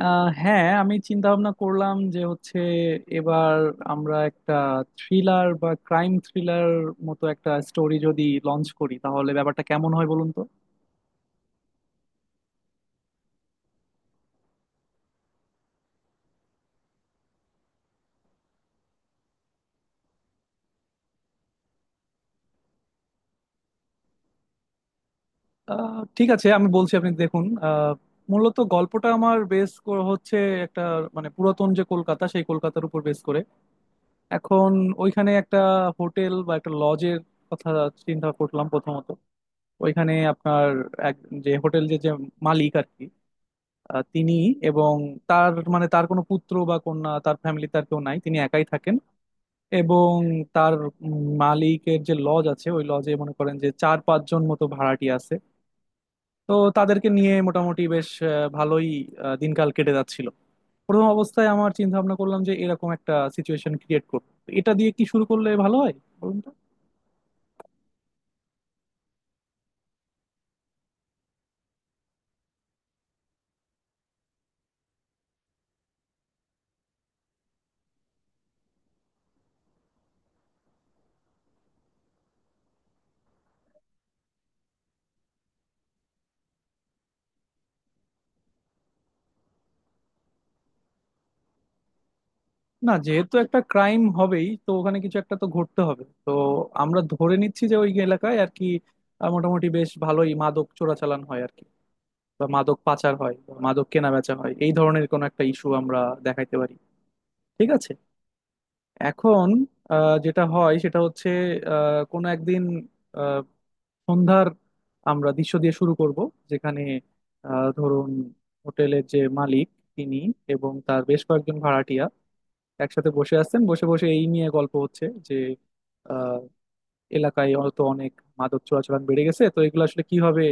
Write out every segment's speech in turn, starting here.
হ্যাঁ, আমি চিন্তা ভাবনা করলাম যে হচ্ছে এবার আমরা একটা থ্রিলার বা ক্রাইম থ্রিলার মতো একটা স্টোরি যদি লঞ্চ করি তাহলে ব্যাপারটা কেমন হয়, বলুন তো? ঠিক আছে, আমি বলছি, আপনি দেখুন। মূলত গল্পটা আমার বেস হচ্ছে একটা মানে পুরাতন যে কলকাতা, সেই কলকাতার উপর বেস করে। এখন ওইখানে একটা হোটেল বা একটা লজের কথা চিন্তা করলাম। প্রথমত, ওইখানে আপনার এক যে হোটেল, যে যে মালিক আর কি। তিনি, এবং তার মানে তার কোনো পুত্র বা কন্যা, তার ফ্যামিলি, তার কেউ নাই। তিনি একাই থাকেন। এবং তার মালিকের যে লজ আছে, ওই লজে মনে করেন যে চার পাঁচজন মতো ভাড়াটি আছে। তো তাদেরকে নিয়ে মোটামুটি বেশ ভালোই দিনকাল কেটে যাচ্ছিল। প্রথম অবস্থায় আমার চিন্তা ভাবনা করলাম যে এরকম একটা সিচুয়েশন ক্রিয়েট করবো। তো এটা দিয়ে কি শুরু করলে ভালো হয়, বলুন তো? না, যেহেতু একটা ক্রাইম হবেই তো ওখানে কিছু একটা তো ঘটতে হবে। তো আমরা ধরে নিচ্ছি যে ওই এলাকায় আর কি মোটামুটি বেশ ভালোই মাদক চোরাচালান হয় আর কি। বা মাদক পাচার হয় বা মাদক কেনাবেচা হয়, এই ধরনের কোনো একটা ইস্যু আমরা দেখাইতে পারি। ঠিক আছে। এখন যেটা হয় সেটা হচ্ছে, কোনো একদিন সন্ধ্যার আমরা দৃশ্য দিয়ে শুরু করব, যেখানে ধরুন হোটেলের যে মালিক তিনি এবং তার বেশ কয়েকজন ভাড়াটিয়া একসাথে বসে আছেন। বসে বসে এই নিয়ে গল্প হচ্ছে যে আহ, এলাকায় হয়তো অনেক মাদক চোরাচালান বেড়ে গেছে, তো এগুলো আসলে কিভাবে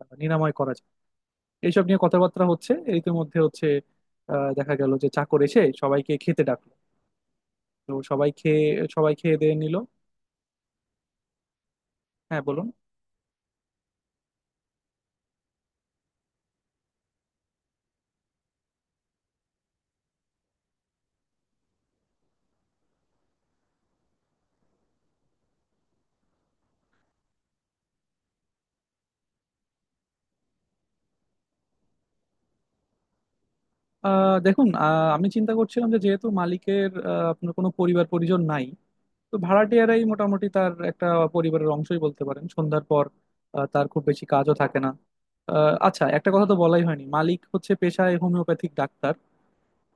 নিরাময় করা যায় এইসব নিয়ে কথাবার্তা হচ্ছে। এই মধ্যে হচ্ছে দেখা গেল যে চাকর এসে সবাইকে খেতে ডাকলো। তো সবাই খেয়ে দিয়ে নিল। হ্যাঁ, বলুন। দেখুন, আমি চিন্তা করছিলাম যে যেহেতু মালিকের আপনার কোনো পরিবার পরিজন নাই। তো ভাড়াটিয়ারাই মোটামুটি তার একটা পরিবারের অংশই বলতে পারেন। সন্ধ্যার পর তার খুব বেশি কাজও থাকে না। আচ্ছা, একটা কথা তো বলাই হয়নি, মালিক হচ্ছে পেশায় হোমিওপ্যাথিক ডাক্তার।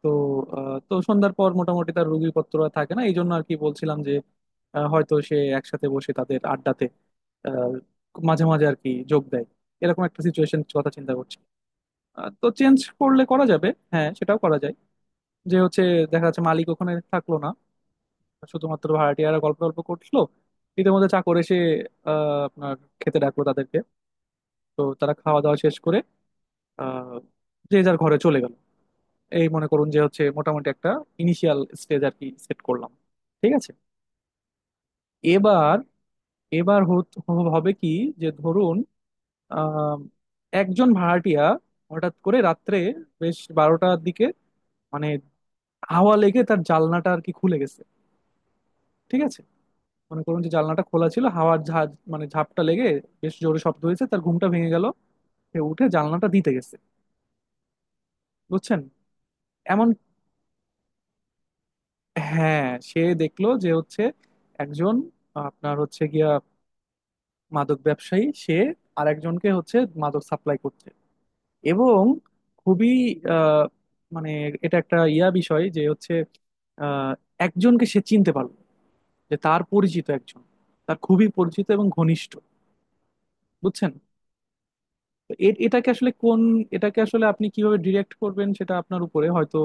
তো সন্ধ্যার পর মোটামুটি তার রোগীপত্র আর থাকে না, এই জন্য আর কি বলছিলাম যে হয়তো সে একসাথে বসে তাদের আড্ডাতে আহ, মাঝে মাঝে আর কি যোগ দেয়। এরকম একটা সিচুয়েশন কথা চিন্তা করছি। তো চেঞ্জ করলে করা যাবে, হ্যাঁ সেটাও করা যায়। যে হচ্ছে দেখা যাচ্ছে মালিক ওখানে থাকলো না, শুধুমাত্র ভাড়াটিয়ারা গল্প গল্প করছিল। ইতিমধ্যে চাকর এসে আপনার খেতে ডাকলো তাদেরকে। তো তারা খাওয়া দাওয়া শেষ করে আহ, যে যার ঘরে চলে গেল। এই মনে করুন যে হচ্ছে মোটামুটি একটা ইনিশিয়াল স্টেজ আর কি সেট করলাম। ঠিক আছে। এবার এবার হবে কি যে ধরুন আহ, একজন ভাড়াটিয়া হঠাৎ করে রাত্রে বেশ 12টার দিকে মানে হাওয়া লেগে তার জানলাটা আর কি খুলে গেছে। ঠিক আছে। মনে করুন যে জানলাটা খোলা ছিল, হাওয়ার ঝাঁজ মানে ঝাপটা লেগে বেশ জোরে শব্দ হয়েছে, তার ঘুমটা ভেঙে গেল। সে উঠে জানলাটা দিতে গেছে, বুঝছেন? এমন, হ্যাঁ, সে দেখলো যে হচ্ছে একজন আপনার হচ্ছে গিয়া মাদক ব্যবসায়ী, সে আর একজনকে হচ্ছে মাদক সাপ্লাই করছে। এবং খুবই আহ, মানে এটা একটা ইয়া বিষয় যে হচ্ছে আহ, একজনকে সে চিনতে পারলো, যে তার পরিচিত একজন, তার খুবই পরিচিত এবং ঘনিষ্ঠ, বুঝছেন? তো এটাকে আসলে আপনি কিভাবে ডিরেক্ট করবেন সেটা আপনার উপরে হয়তো।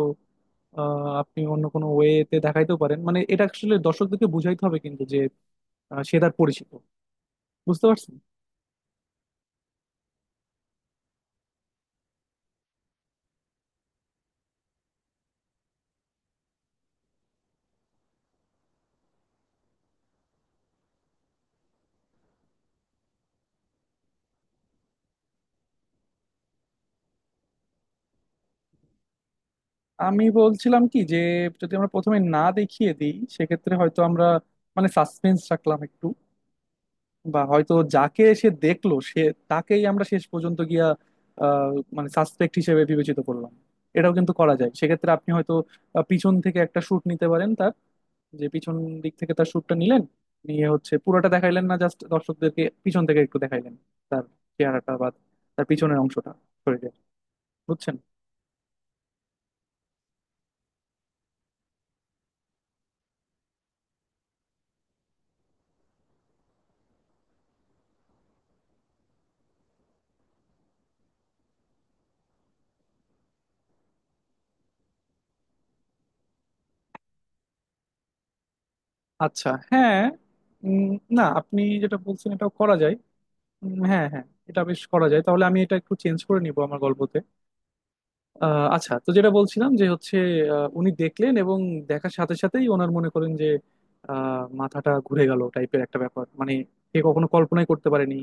আপনি অন্য কোনো ওয়েতে দেখাইতেও পারেন, মানে এটা আসলে দর্শকদেরকে বুঝাইতে হবে কিন্তু যে সে তার পরিচিত, বুঝতে পারছেন? আমি বলছিলাম কি যে যদি আমরা প্রথমে না দেখিয়ে দিই সেক্ষেত্রে হয়তো আমরা মানে সাসপেন্স রাখলাম একটু। বা হয়তো যাকে সে দেখলো, সে তাকেই আমরা শেষ পর্যন্ত গিয়া আহ, মানে সাসপেক্ট হিসেবে বিবেচিত করলাম, এটাও কিন্তু করা যায়। সেক্ষেত্রে আপনি হয়তো পিছন থেকে একটা শুট নিতে পারেন, যে পিছন দিক থেকে তার শ্যুটটা নিলেন। নিয়ে হচ্ছে পুরোটা দেখাইলেন না, জাস্ট দর্শকদেরকে পিছন থেকে একটু দেখাইলেন তার চেহারাটা বা তার পিছনের অংশটা শরীরের, বুঝছেন? আচ্ছা, হ্যাঁ। উম, না, আপনি যেটা বলছেন এটাও করা যায়। হ্যাঁ হ্যাঁ, এটা বেশ করা যায়। তাহলে আমি এটা একটু চেঞ্জ করে নিব আমার গল্পতে। আচ্ছা, তো যেটা বলছিলাম যে হচ্ছে উনি দেখলেন। এবং দেখার সাথে সাথেই ওনার মনে করেন যে মাথাটা ঘুরে গেল টাইপের একটা ব্যাপার, মানে সে কখনো কল্পনাই করতে পারেনি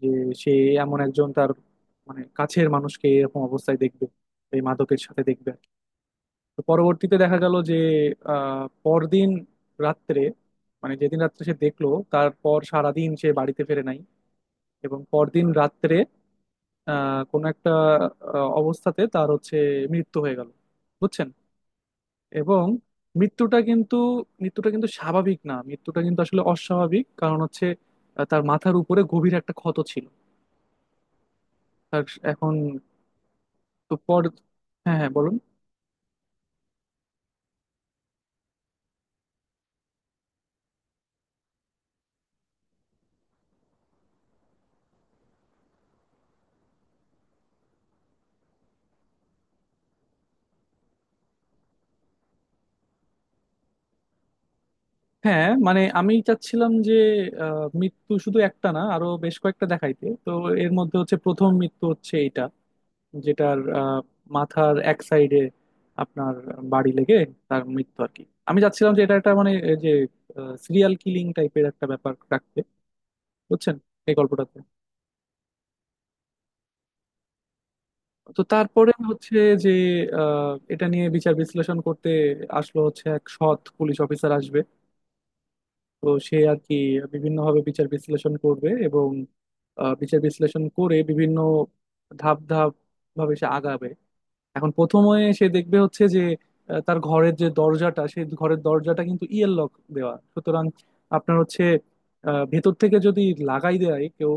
যে সে এমন একজন তার মানে কাছের মানুষকে এরকম অবস্থায় দেখবে, এই মাদকের সাথে দেখবে আর কি। তো পরবর্তীতে দেখা গেল যে পরদিন রাত্রে, মানে যেদিন রাত্রে সে দেখলো তারপর সারাদিন সে বাড়িতে ফেরে নাই। এবং পরদিন রাত্রে কোনো একটা অবস্থাতে তার হচ্ছে মৃত্যু হয়ে গেল, বুঝছেন? এবং মৃত্যুটা কিন্তু মৃত্যুটা কিন্তু স্বাভাবিক না, মৃত্যুটা কিন্তু আসলে অস্বাভাবিক। কারণ হচ্ছে তার মাথার উপরে গভীর একটা ক্ষত ছিল। তার এখন তো পর, হ্যাঁ হ্যাঁ, বলুন। হ্যাঁ, মানে আমি চাচ্ছিলাম যে মৃত্যু শুধু একটা না, আরো বেশ কয়েকটা দেখাইতে। তো এর মধ্যে হচ্ছে প্রথম মৃত্যু হচ্ছে এইটা, যেটার মাথার এক সাইডে আপনার বাড়ি লেগে তার মৃত্যু আর কি। আমি চাচ্ছিলাম যে এটা একটা মানে এই যে সিরিয়াল কিলিং টাইপের একটা ব্যাপার রাখতে, বুঝছেন, এই গল্পটাতে। তো তারপরে হচ্ছে যে এটা নিয়ে বিচার বিশ্লেষণ করতে আসলো হচ্ছে এক সৎ পুলিশ অফিসার আসবে। তো সে আর কি বিভিন্নভাবে বিচার বিশ্লেষণ করবে, এবং বিচার বিশ্লেষণ করে বিভিন্ন ধাপ ধাপ ভাবে সে আগাবে। এখন প্রথমে সে দেখবে হচ্ছে যে তার ঘরের যে দরজাটা সেই ঘরের দরজাটা কিন্তু ইয়ের লক দেওয়া। সুতরাং আপনার হচ্ছে ভেতর থেকে যদি লাগাই দেয় কেউ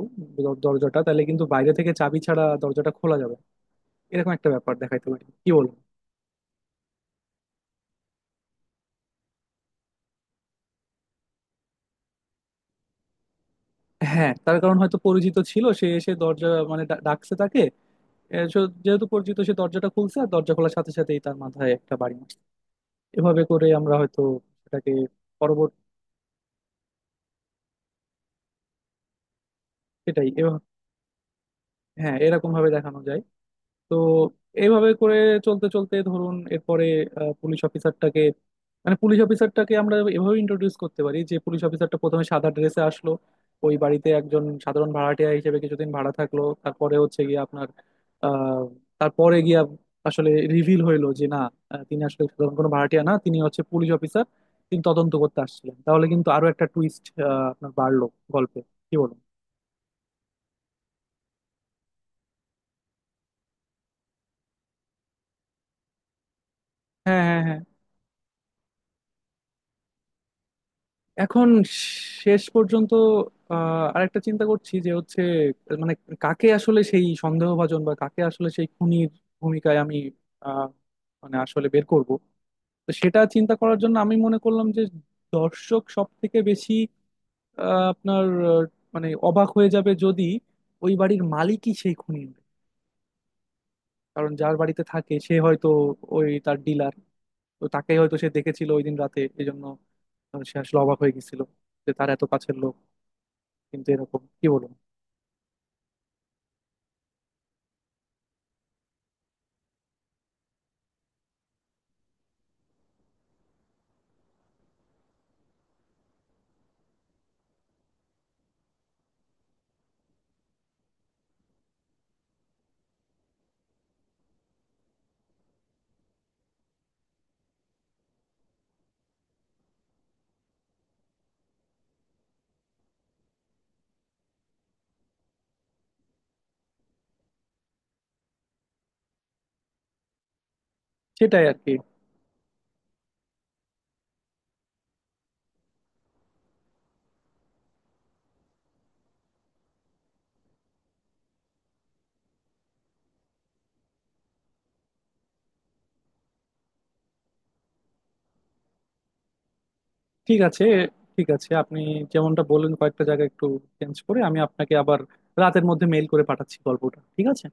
দরজাটা, তাহলে কিন্তু বাইরে থেকে চাবি ছাড়া দরজাটা খোলা যাবে না। এরকম একটা ব্যাপার দেখাইতে পারি, কি বলবো। হ্যাঁ, তার কারণ হয়তো পরিচিত ছিল। সে এসে দরজা মানে ডাকছে তাকে। যেহেতু পরিচিত, সে দরজাটা খুলছে, আর দরজা খোলার সাথে সাথেই তার মাথায় একটা বাড়ি মারছে। এভাবে করে আমরা হয়তো সেটাকে পরবর্তী সেটাই হ্যাঁ এরকম ভাবে দেখানো যায়। তো এইভাবে করে চলতে চলতে ধরুন এরপরে আহ, পুলিশ অফিসারটাকে মানে পুলিশ অফিসারটাকে আমরা এভাবে ইন্ট্রোডিউস করতে পারি যে পুলিশ অফিসারটা প্রথমে সাদা ড্রেসে আসলো, ওই বাড়িতে একজন সাধারণ ভাড়াটিয়া হিসেবে কিছুদিন ভাড়া থাকলো। তারপরে হচ্ছে গিয়ে আপনার আহ তারপরে গিয়া আসলে রিভিল হইলো যে না, তিনি আসলে সাধারণ কোনো ভাড়াটিয়া না, তিনি হচ্ছে পুলিশ অফিসার, তিনি তদন্ত করতে আসছিলেন। তাহলে কিন্তু আরো একটা টুইস্ট আপনার বাড়লো গল্পে, কি বলুন? হ্যাঁ হ্যাঁ হ্যাঁ। এখন শেষ পর্যন্ত আরেকটা চিন্তা করছি যে হচ্ছে মানে কাকে আসলে সেই সন্দেহভাজন, বা কাকে আসলে সেই খুনির ভূমিকায় আমি আহ, মানে আসলে বের করব। তো সেটা চিন্তা করার জন্য আমি মনে করলাম যে দর্শক সব থেকে বেশি আহ, আপনার আহ, মানে অবাক হয়ে যাবে যদি ওই বাড়ির মালিকই সেই খুনি হয়। কারণ যার বাড়িতে থাকে সে হয়তো ওই তার ডিলার, তো তাকেই হয়তো সে দেখেছিল ওই দিন রাতে, এই জন্য সে আসলে অবাক হয়ে গেছিল যে তার এত কাছের লোক কিন্তু এরকম, কি বলুন। সেটাই আর কি। ঠিক আছে। ঠিক আছে, আপনি যেমনটা বললেন কয়েকটা জায়গা একটু চেঞ্জ করে আমি আপনাকে আবার রাতের মধ্যে মেইল করে পাঠাচ্ছি গল্পটা, ঠিক আছে।